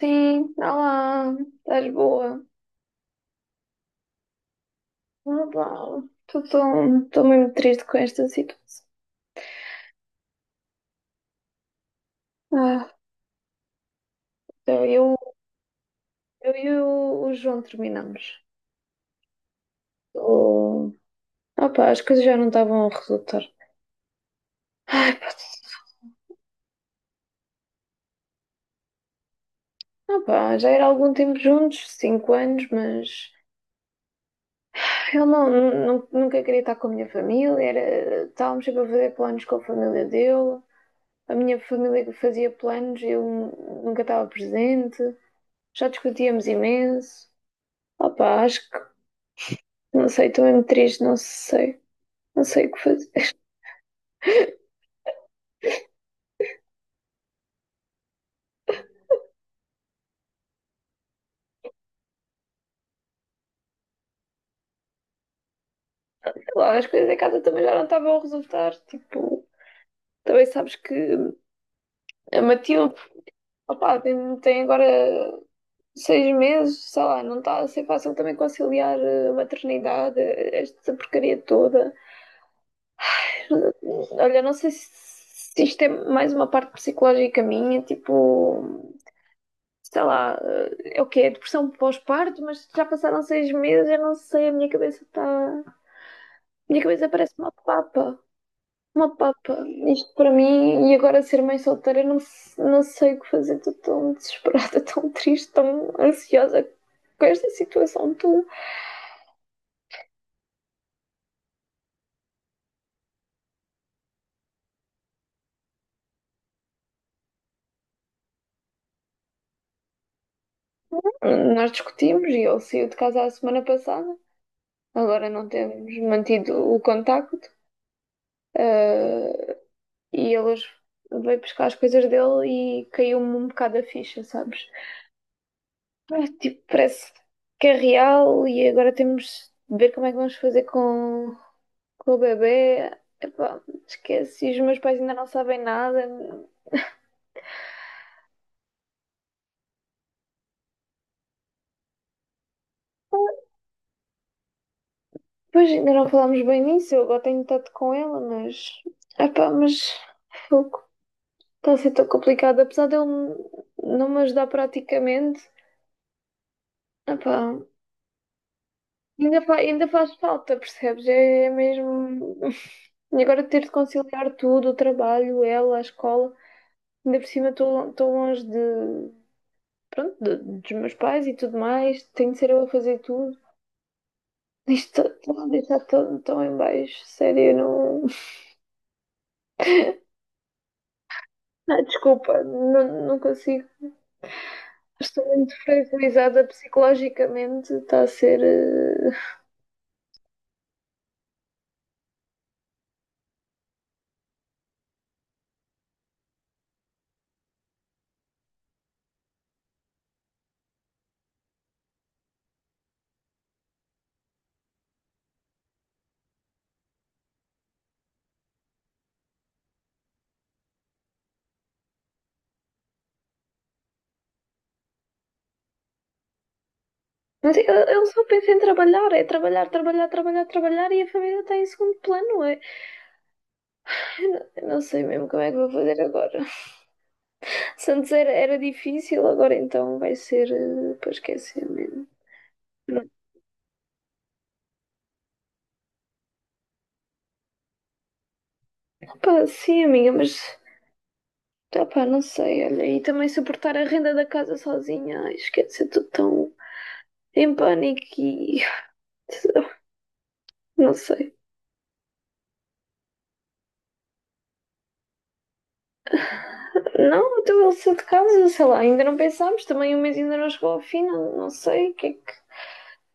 Sim, olá, estás boa? Olá, estou mesmo triste com esta situação. Ah, eu, eu, eu e o João terminamos. Oh, opá, as coisas já não estavam a resultar. Ai, pá, opá, já era algum tempo juntos, 5 anos, mas eu nunca queria estar com a minha família, estávamos sempre a fazer planos com a família dele. A minha família fazia planos, eu nunca estava presente. Já discutíamos imenso. Opa, acho que não sei, estou mesmo triste, não sei. Não sei o que fazer. Sei lá, as coisas em casa também já não estavam a resultar. Tipo, também sabes que a Matilde, opa, tem agora 6 meses, sei lá, não está a ser fácil também conciliar a maternidade, esta porcaria toda. Olha, não sei se isto é mais uma parte psicológica minha, tipo, sei lá, é o quê? É depressão pós-parto, mas já passaram 6 meses, eu não sei, a minha cabeça está. Minha cabeça parece uma papa. Uma papa. Isto para mim, e agora ser mãe solteira, eu não sei o que fazer. Estou tão desesperada, tão triste, tão ansiosa com esta situação. Tu. Nós discutimos e ele saiu de casa a semana passada. Agora não temos mantido o contacto. Ah, e ele hoje veio buscar as coisas dele e caiu-me um bocado a ficha, sabes? Ah, tipo, parece que é real e agora temos de ver como é que vamos fazer com. Com o bebê, epá, esquece, os meus pais ainda não sabem nada. Pois ainda não falámos bem nisso, eu agora tenho estado com ela mas. Epá, mas. Fogo, está a ser tão complicado, apesar dele não me ajudar praticamente. Epá, ainda faz falta, percebes? É mesmo. E agora ter de conciliar tudo, o trabalho, ela, a escola. Ainda por cima estou longe de. Pronto, dos meus pais e tudo mais. Tenho de ser eu a fazer tudo. Isto está a deixar tudo tão em baixo, sério, eu não. Ah, desculpa, não consigo. Estou muito fragilizada psicologicamente, está a ser. Não, eu só penso em trabalhar, é trabalhar, trabalhar, trabalhar, trabalhar e a família está em segundo plano, é. Eu não sei mesmo como é que vou fazer agora. Se antes era difícil, agora então vai ser, para esquecer mesmo. Pá, sim, amiga, mas. Ah, pá, não sei, olha, e também suportar a renda da casa sozinha, ai, esquece, é tudo tão em pânico e não sei. Não, então ele saiu de casa, sei lá, ainda não pensámos, também o mês ainda não chegou ao fim, não sei o que, é que,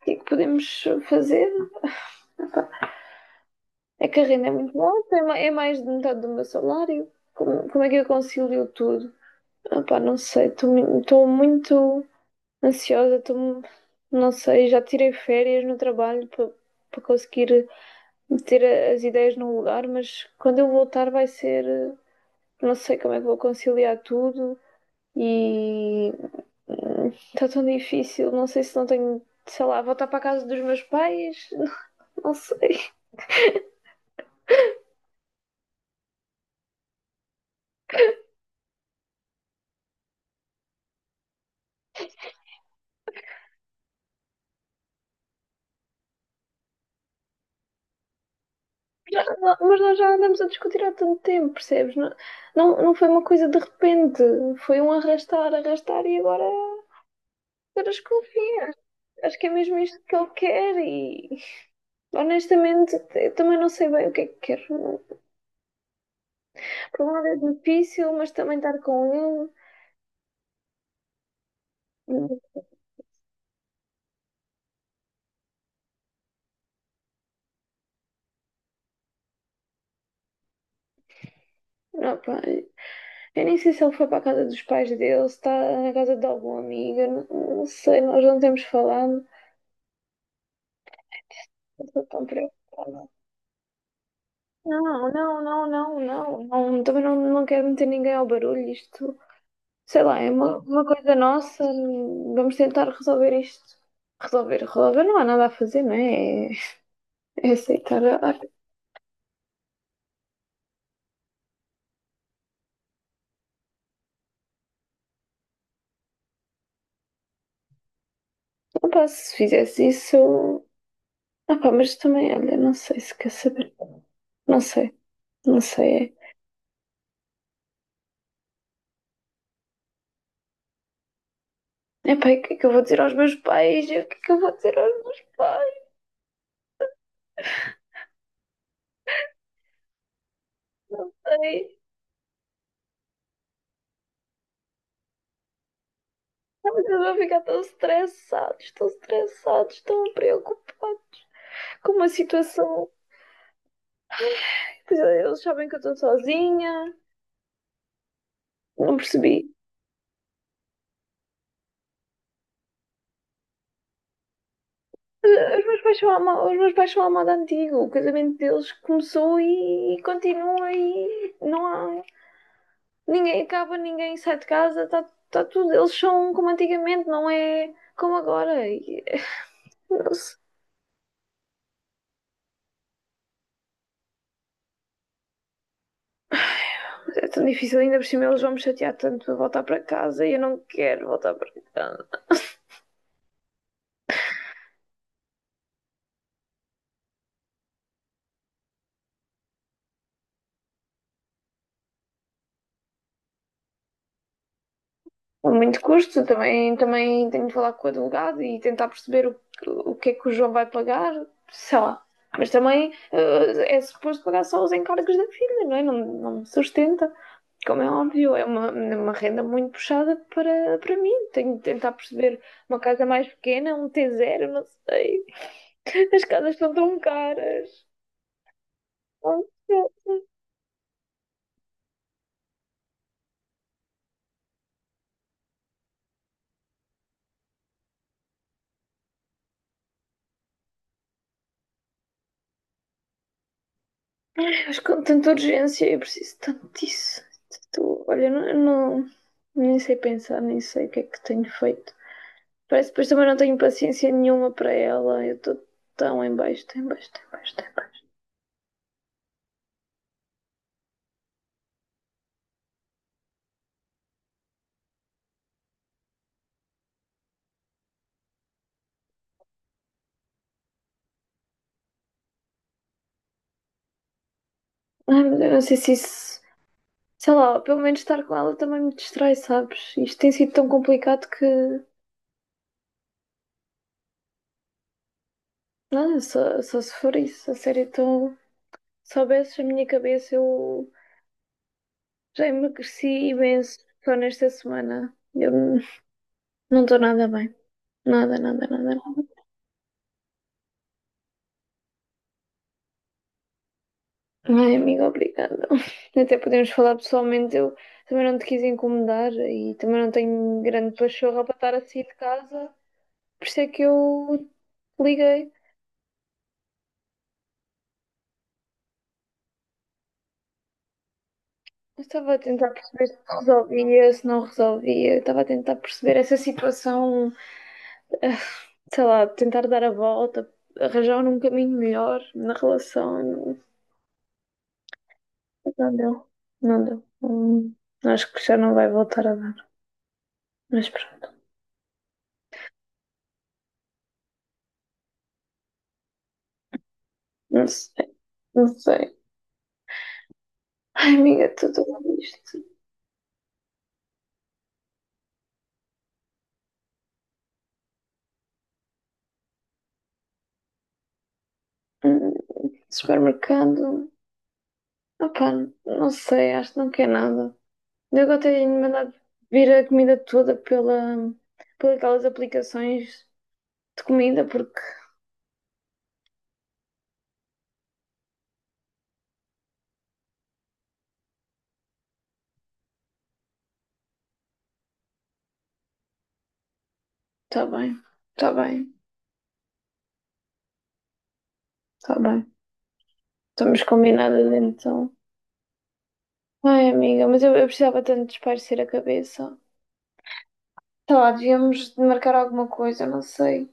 que é que podemos fazer. É que a renda é muito alta, é mais de metade do meu salário. Como é que eu concilio tudo? Ah, pá, não sei, estou muito ansiosa, estou, não sei, já tirei férias no trabalho para conseguir meter as ideias no lugar, mas quando eu voltar vai ser, não sei como é que vou conciliar tudo. E está tão difícil. Não sei se não tenho, sei lá, voltar para a casa dos meus pais. Não sei. Mas nós já andamos a discutir há tanto tempo, percebes? Não, não, não foi uma coisa de repente. Foi um arrastar, arrastar e agora escolhi. Acho que é mesmo isto que ele quer e honestamente eu também não sei bem o que é que quero. Por um lado é difícil, mas também estar com ele. Não, pá, eu nem sei se ele foi para a casa dos pais dele, se está na casa de algum amigo, eu não sei, nós não temos falado. Eu estou tão preocupada. Não, não, não, não, não, não, também não quero meter ninguém ao barulho, isto, sei lá, é uma coisa nossa, vamos tentar resolver isto. Resolver, resolver, não há nada a fazer, não é? É aceitar. Ah, opa, se fizesse isso, ah, pá, mas também, olha, não sei se quer saber, não sei, não sei, é. Epá, e o que é que eu vou dizer aos meus pais? E o que é que eu vou dizer aos meus pais? Não sei. Ai, eles vão ficar tão estressados, tão estressados, tão preocupados com uma situação. É, eles sabem que eu estou sozinha. Não percebi. Os meus pais são à os meus pais são à moda antiga. O casamento deles começou e continua e não há. Ninguém acaba, ninguém sai de casa, está tudo. Eles são como antigamente, não é como agora. E, não sei. É tão difícil, ainda por cima eles vão me chatear tanto para voltar para casa e eu não quero voltar para casa. A muito custo, também tenho de falar com o advogado e tentar perceber o que é que o João vai pagar, sei lá. Mas também, é suposto pagar só os encargos da filha, não é? Não, não me sustenta. Como é óbvio, é uma renda muito puxada para mim. Tenho de tentar perceber uma casa mais pequena, um T0, não sei. As casas estão tão caras. Não sei, acho que com tanta urgência eu preciso tanto disso. Olha, não- nem sei pensar, nem sei o que é que tenho feito. Parece que depois também não tenho paciência nenhuma para ela. Eu estou tão em baixo, tão em baixo, tão em baixo, tão em baixo. Ai, mas eu não sei se isso. Sei lá, pelo menos estar com ela também me distrai, sabes? Isto tem sido tão complicado que. Não, só se for isso. A sério, então. Se soubesses a minha cabeça, eu já emagreci imenso só nesta semana. Eu não estou nada bem. Nada, nada, nada, nada. Ai, amiga, obrigada. Até podemos falar pessoalmente. Eu também não te quis incomodar e também não tenho grande pachorra para estar a sair de casa. Por isso é que eu liguei. Eu estava a tentar perceber se resolvia, se não resolvia. Eu estava a tentar perceber essa situação, ah, sei lá, tentar dar a volta, arranjar um caminho melhor na relação. Não, não deu, não deu. Acho que já não vai voltar a dar. Mas pronto, não sei, não sei. Ai, amiga, tudo isto. Hum, Supermercado. Opa, não sei, acho que não quer nada. Eu agora tenho mandado vir a comida toda por aquelas aplicações de comida, porque está bem, está bem, está bem. Estamos combinadas então. Ai, amiga, mas eu precisava tanto de espairecer a cabeça. Sei lá, devíamos de marcar alguma coisa, não sei.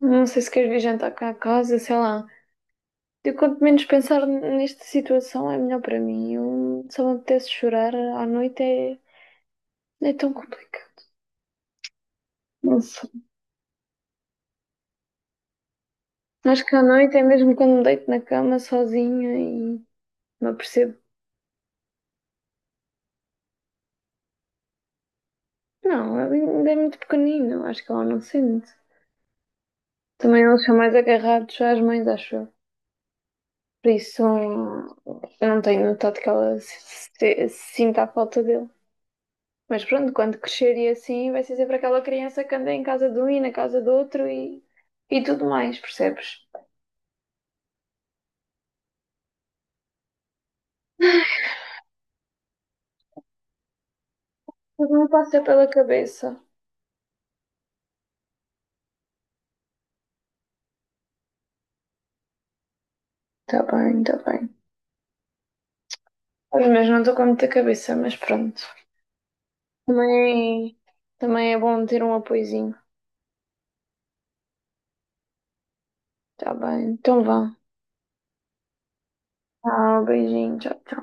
Não sei se queres vir jantar cá a casa, sei lá. Eu quanto menos pensar nesta situação é melhor para mim. Se eu me apetece chorar à noite é tão complicado. Não sei. Acho que à noite é mesmo quando me deito na cama sozinha e me apercebo. Não, ele ainda é muito pequenino, acho que ela não sente. Também eles são mais agarrados às mães, acho eu. Por isso, eu não tenho notado que ela se sinta a falta dele. Mas pronto, quando crescer e assim, vai ser sempre aquela criança que anda em casa de um e na casa do outro e tudo mais, percebes? Mas não passa pela cabeça. Tá bem, tá bem. Mas mesmo não estou com muita cabeça, mas pronto. Também, também é bom ter um apoiozinho. Tá bem, então vá. Ah, beijinho, tchau, tchau.